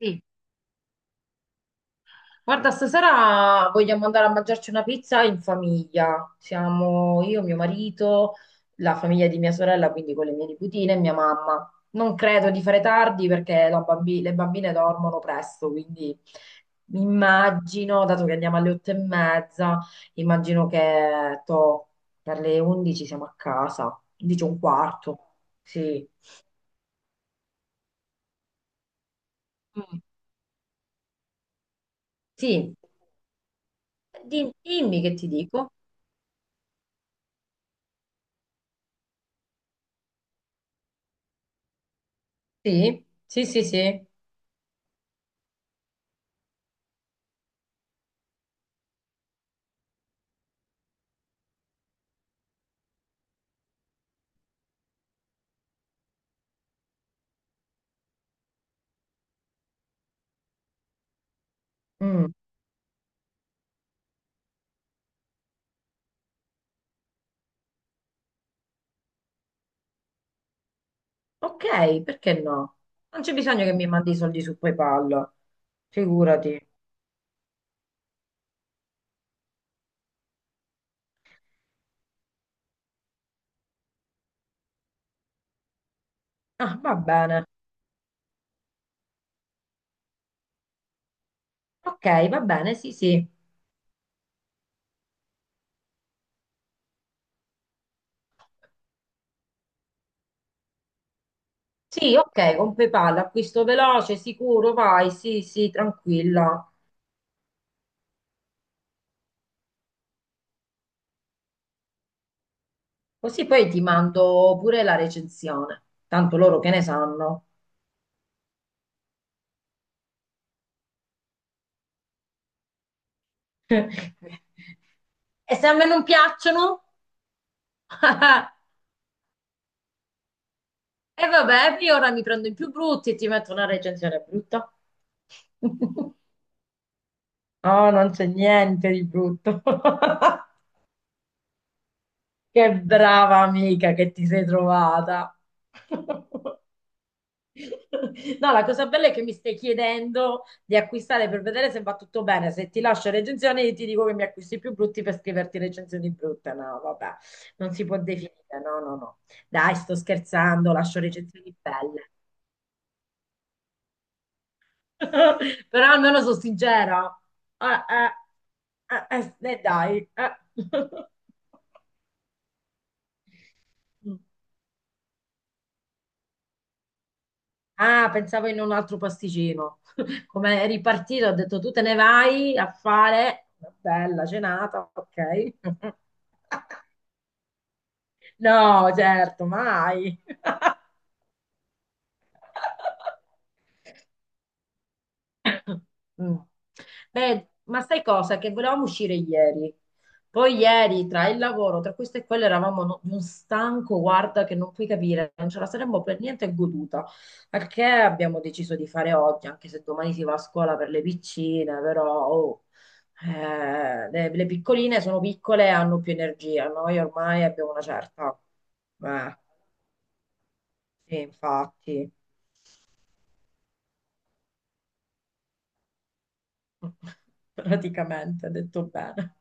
Sì. Guarda, stasera vogliamo andare a mangiarci una pizza in famiglia. Siamo io, mio marito, la famiglia di mia sorella, quindi con le mie nipotine e mia mamma. Non credo di fare tardi perché le bambine dormono presto, quindi mi immagino, dato che andiamo alle 8:30, immagino che toh, per le 11 siamo a casa, 11:15. Sì. Mm. Sì. Dimmi che ti dico. Sì, sì, sì, sì. Mm. Ok, perché no? Non c'è bisogno che mi mandi i soldi su PayPal, figurati. Ah, va bene. Ok, va bene, sì, sì. Sì, ok, con PayPal, acquisto veloce, sicuro, vai, sì, sì, tranquilla. Così poi ti mando pure la recensione, tanto loro che ne sanno. E se a me non piacciono? E vabbè, io ora mi prendo i più brutti e ti metto una recensione brutta. Oh, non c'è niente di brutto. Che brava amica che ti sei trovata. No, la cosa bella è che mi stai chiedendo di acquistare per vedere se va tutto bene. Se ti lascio recensioni, io ti dico che mi acquisti più brutti per scriverti recensioni brutte. No, vabbè, non si può definire. No, no, no. Dai, sto scherzando, lascio recensioni belle. Però almeno sono sincera. Eh, eh, eh, dai. Ah, pensavo in un altro pasticcino. Come è ripartito, ho detto tu te ne vai a fare una bella cenata, ok? No, certo, mai. Mm. Beh, ma sai cosa? Che volevamo uscire ieri. Poi ieri, tra il lavoro, tra questo e quello, eravamo di un stanco, guarda, che non puoi capire, non ce la saremmo per niente goduta. Al che abbiamo deciso di fare oggi, anche se domani si va a scuola per le piccine, però oh, le piccoline sono piccole e hanno più energia. Noi ormai abbiamo una certa. Eh, sì, infatti, praticamente, ha detto bene.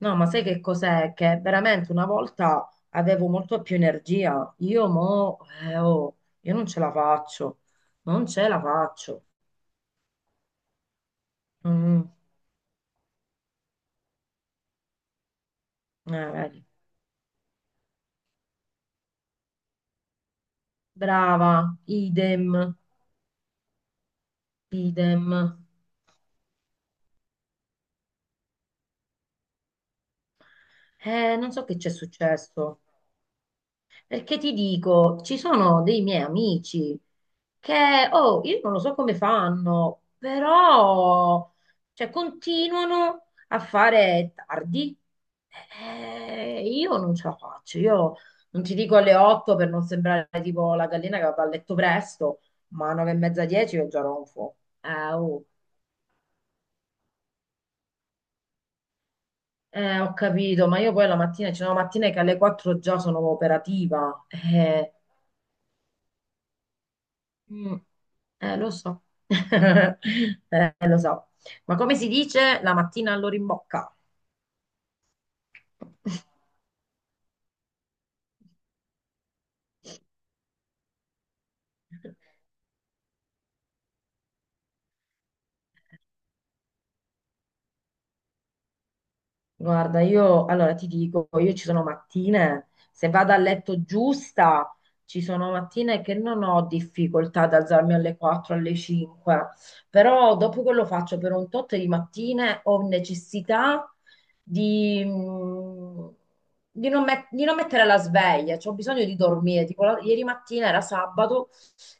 No, ma sai che cos'è? Che veramente una volta avevo molto più energia. Io mo, oh, io non ce la faccio, non ce la faccio. Mm, Vedi. Brava, idem, idem. Non so che c'è successo. Perché ti dico, ci sono dei miei amici che, oh, io non lo so come fanno, però, cioè, continuano a fare tardi. Io non ce la faccio, io non ti dico alle 8 per non sembrare tipo la gallina che va a letto presto, ma a 9 e mezza, 10 io già ronfo. Oh. Ho capito, ma io poi la mattina, ci sono mattine che alle 4 già sono operativa. Mm, Lo so. Lo so. Ma come si dice la mattina all'ora in bocca? Guarda, io allora ti dico, io ci sono mattine, se vado a letto giusta, ci sono mattine che non ho difficoltà ad alzarmi alle 4, alle 5, però dopo che lo faccio per un tot di mattine ho necessità di, mm, di non mettere la sveglia, cioè ho bisogno di dormire. Tipo, ieri mattina era sabato,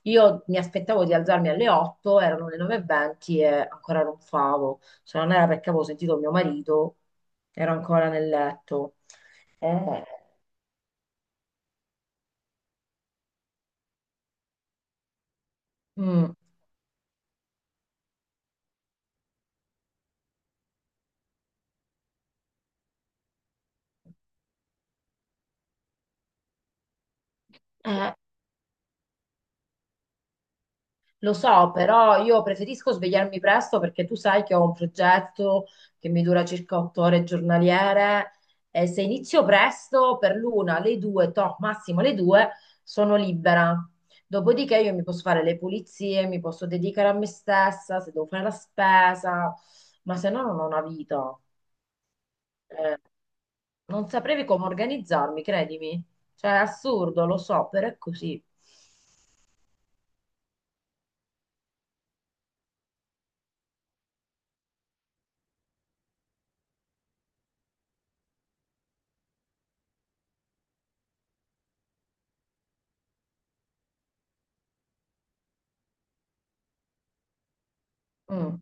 io mi aspettavo di alzarmi alle 8, erano le 9:20 e venti e ancora ronfavo. Se non era perché avevo sentito mio marito, ero ancora nel letto. Eh. Mm. Eh, lo so, però io preferisco svegliarmi presto perché tu sai che ho un progetto che mi dura circa 8 ore giornaliere e se inizio presto per l'una, le due, to, massimo le due, sono libera. Dopodiché io mi posso fare le pulizie, mi posso dedicare a me stessa, se devo fare la spesa, ma se no non ho una vita. Eh, non saprei come organizzarmi, credimi. Cioè, è assurdo, lo so, però è così. Mm.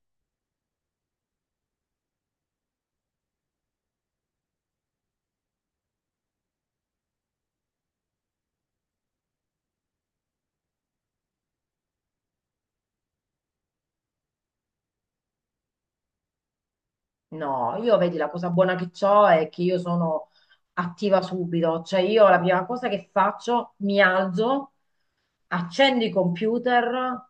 No, io vedi la cosa buona che ho è che io sono attiva subito, cioè io la prima cosa che faccio, mi alzo, accendo i computer,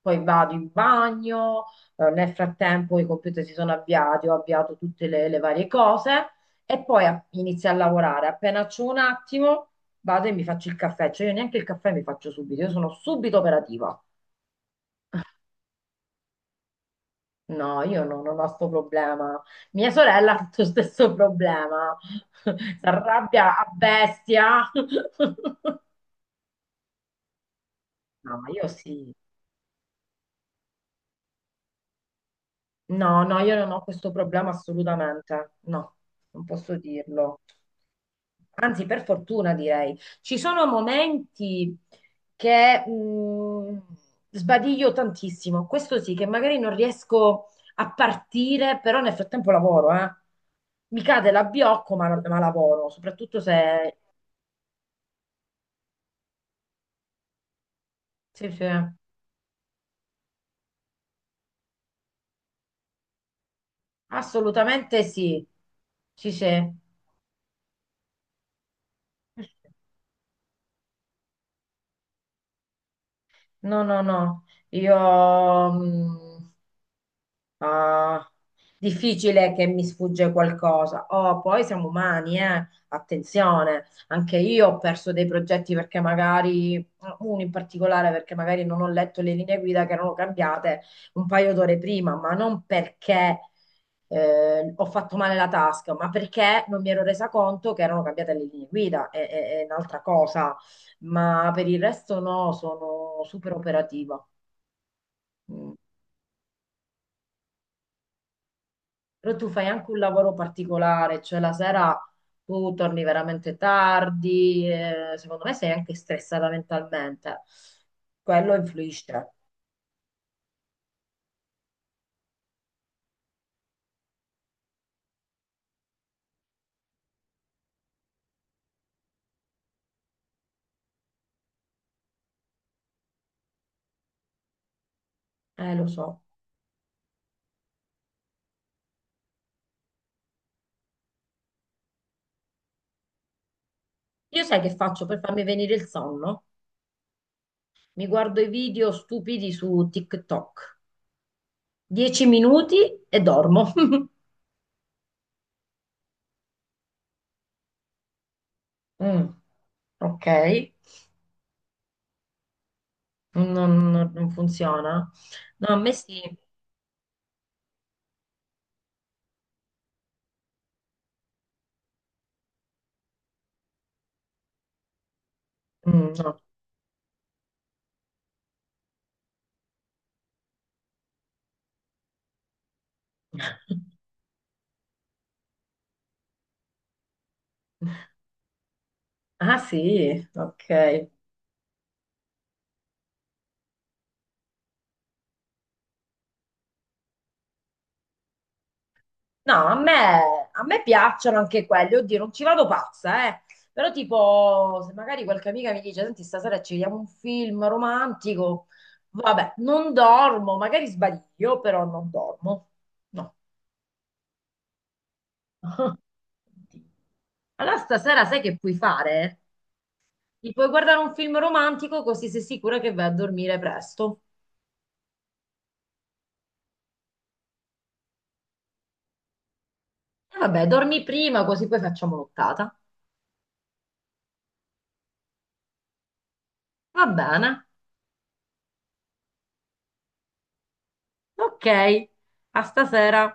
poi vado in bagno, nel frattempo i computer si sono avviati, ho avviato tutte le varie cose e poi inizio a lavorare. Appena c'ho un attimo, vado e mi faccio il caffè, cioè io neanche il caffè mi faccio subito, io sono subito operativa. No, io non ho sto problema. Mia sorella ha tutto lo stesso problema. Si arrabbia a bestia. No, ma io sì. No, no, io non ho questo problema assolutamente, no, non posso dirlo. Anzi, per fortuna direi, ci sono momenti che sbadiglio tantissimo. Questo sì, che magari non riesco a partire, però nel frattempo lavoro, eh. Mi cade l'abbiocco, ma lavoro, soprattutto se... Sì, sì, assolutamente sì. Sì, sì. No, no, no. Io... mh, Ah, difficile che mi sfugge qualcosa. Oh, poi siamo umani, eh? Attenzione, anche io ho perso dei progetti perché magari, uno in particolare perché magari non ho letto le linee guida che erano cambiate un paio d'ore prima, ma non perché ho fatto male la tasca, ma perché non mi ero resa conto che erano cambiate le linee guida, è un'altra cosa, ma per il resto no, sono super operativa. Mm. Però tu fai anche un lavoro particolare, cioè la sera tu torni veramente tardi, secondo me sei anche stressata mentalmente. Quello influisce, lo so. Io sai che faccio per farmi venire il sonno? Mi guardo i video stupidi su TikTok. 10 minuti e dormo. Mm, ok, non funziona. No, a me sì. Mm, no. Ah sì, ok. No, a me piacciono anche quelli, oddio, non ci vado pazza, eh. Però tipo, se magari qualche amica mi dice, senti, stasera ci vediamo un film romantico, vabbè, non dormo, magari sbaglio, però non dormo. No. Allora stasera sai che puoi fare? Ti puoi guardare un film romantico così sei sicura che vai a dormire presto. E vabbè, dormi prima così poi facciamo l'ottata. Va bene. Ok, a stasera.